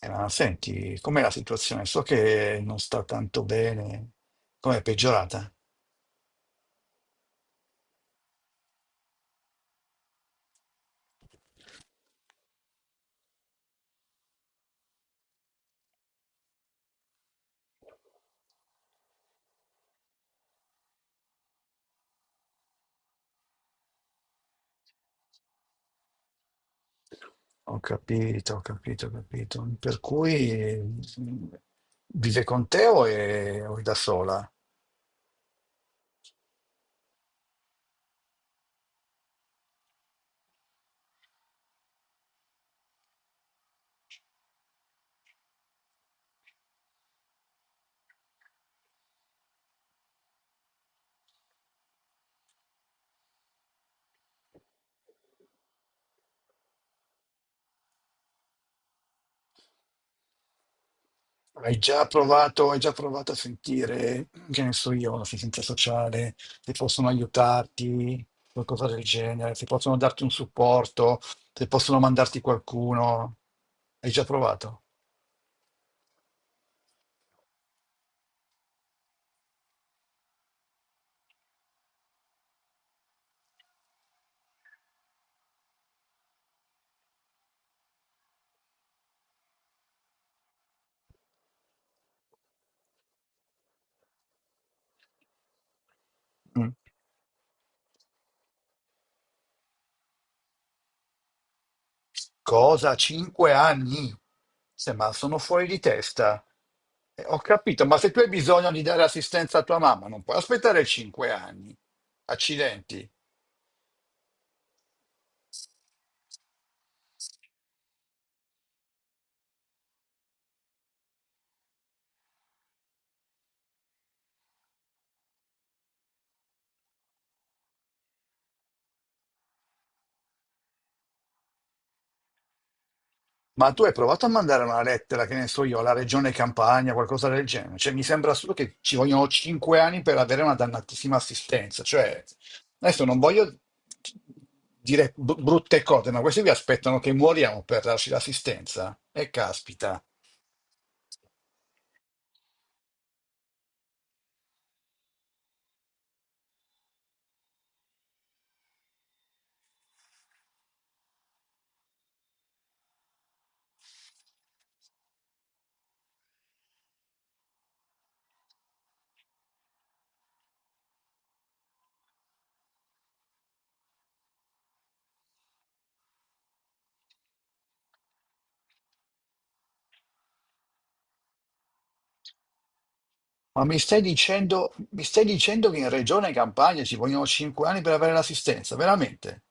Ma senti, com'è la situazione? So che non sta tanto bene. Com'è peggiorata? Ho capito, ho capito, ho capito. Per cui vive con te o è da sola? Hai già provato a sentire, che ne so io, l'assistenza sociale, se possono aiutarti, qualcosa del genere, se possono darti un supporto, se possono mandarti qualcuno. Hai già provato? Mm. Cosa? Cinque anni? Se ma sono fuori di testa. Ho capito, ma se tu hai bisogno di dare assistenza a tua mamma, non puoi aspettare cinque anni. Accidenti. Ma tu hai provato a mandare una lettera, che ne so io, alla regione Campania, qualcosa del genere? Cioè, mi sembra solo che ci vogliono cinque anni per avere una dannatissima assistenza. Cioè, adesso non voglio dire bu- brutte cose, ma questi vi aspettano che muoriamo per darci l'assistenza. E caspita. Ma mi stai dicendo che in Regione Campania ci vogliono cinque anni per avere l'assistenza, veramente?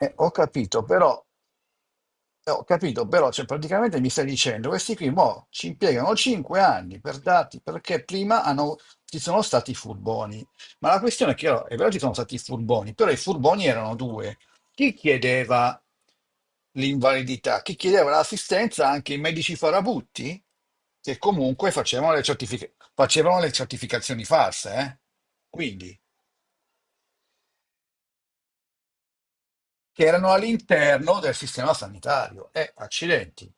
Eh, ho capito, però, ho capito, però, cioè, praticamente mi stai dicendo, questi qui mo ci impiegano 5 anni per dati, perché prima hanno- ci sono stati furboni. Ma la questione è che oh, è vero ci sono stati furboni, però i furboni erano due. Chi chiedeva l'invalidità? Chi chiedeva l'assistenza? Anche i medici farabutti, che comunque facevano le, certific- facevano le certificazioni false, eh? Quindi, che erano all'interno del sistema sanitario. Accidenti.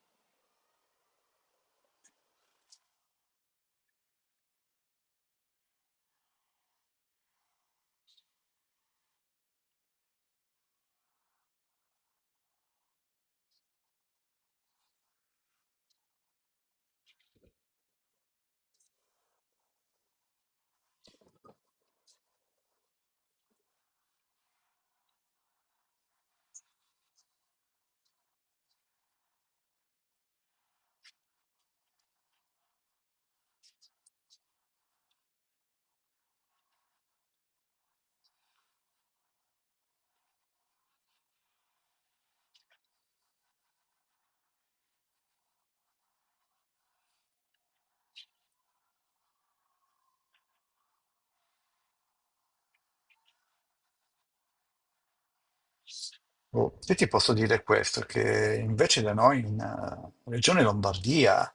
Oh, io ti posso dire questo, che invece da noi in Regione Lombardia,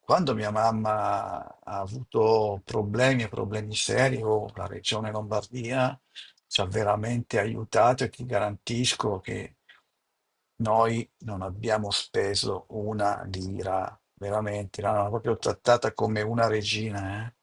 quando mia mamma ha avuto problemi, problemi seri, oh, la Regione Lombardia ci ha veramente aiutato e ti garantisco che noi non abbiamo speso una lira, veramente, l'hanno proprio trattata come una regina. Eh.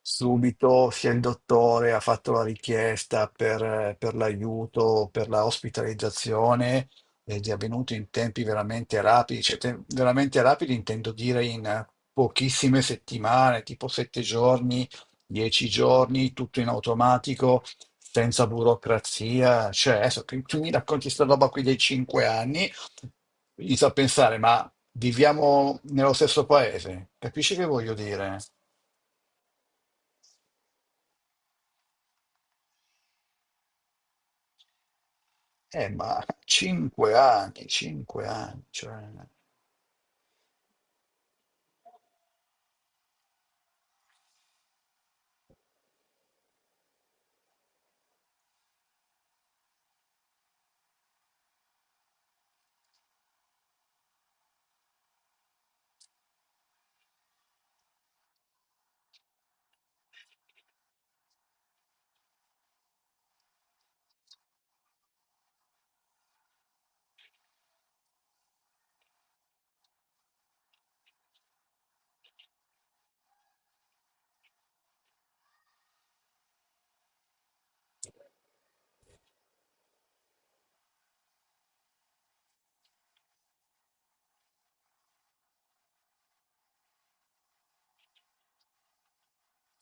Subito sia il dottore ha fatto la richiesta per l'aiuto, per la ospitalizzazione ed è avvenuto in tempi veramente rapidi, cioè te- veramente rapidi intendo dire in pochissime settimane, tipo 7 giorni, 10 giorni, tutto in automatico, senza burocrazia. Cioè, adesso tu, tu mi racconti sta roba qui dei cinque anni, inizio a pensare, ma viviamo nello stesso paese? Capisci che voglio dire? Ma cinque anni, cioè,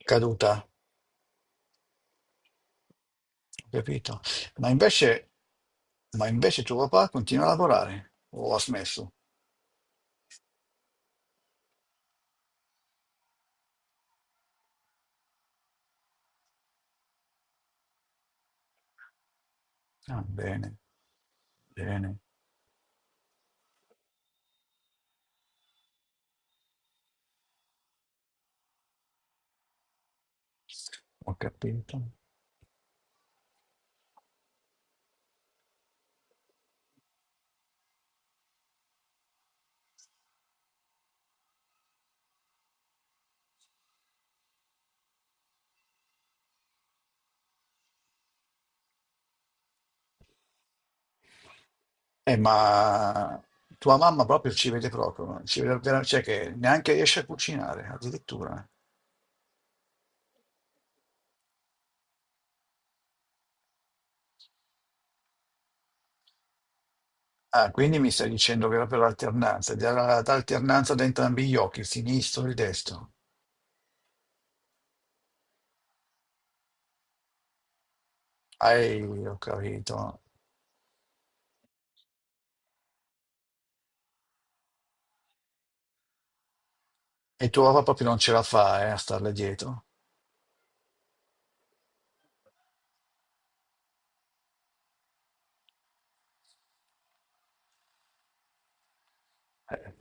caduta, ho capito? Ma invece, ma invece tuo papà continua a lavorare, o ha smesso? Ah, bene, bene, ho capito. Ma tua mamma proprio, ci vede vera- cioè che neanche riesce a cucinare, addirittura. Ah, quindi mi stai dicendo che era per l'alternanza, data l'alternanza da entrambi gli occhi, il sinistro e il destro. Ehi, ho capito. E tua papà proprio non ce la fa, a starle dietro. Eh,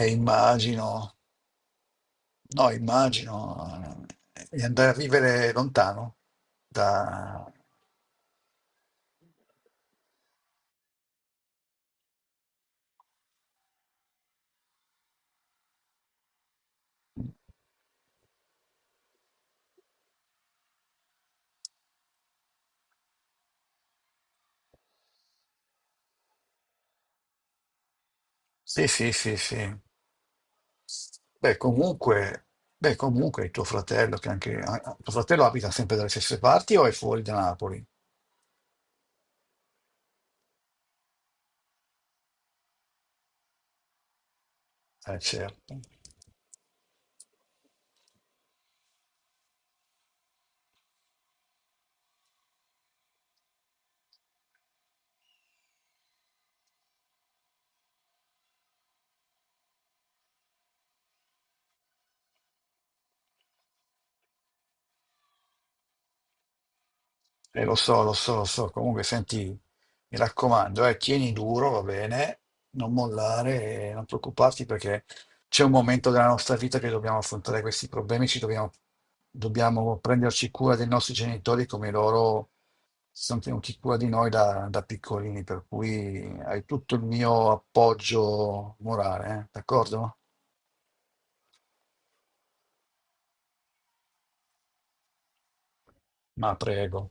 E immagino, no, immagino, di andare a vivere lontano da, sì, sì, sì, sì. Beh, comunque, beh, comunque il tuo fratello, che anche, ah, ah, tuo fratello abita sempre dalle stesse parti o è fuori da Napoli? Certo. Lo so, lo so, lo so. Comunque, senti, mi raccomando, tieni duro, va bene, non mollare, non preoccuparti perché c'è un momento della nostra vita che dobbiamo affrontare questi problemi, ci dobbiamo, dobbiamo prenderci cura dei nostri genitori come loro si sono tenuti cura di noi da, da piccolini, per cui hai tutto il mio appoggio morale, d'accordo? Ma prego.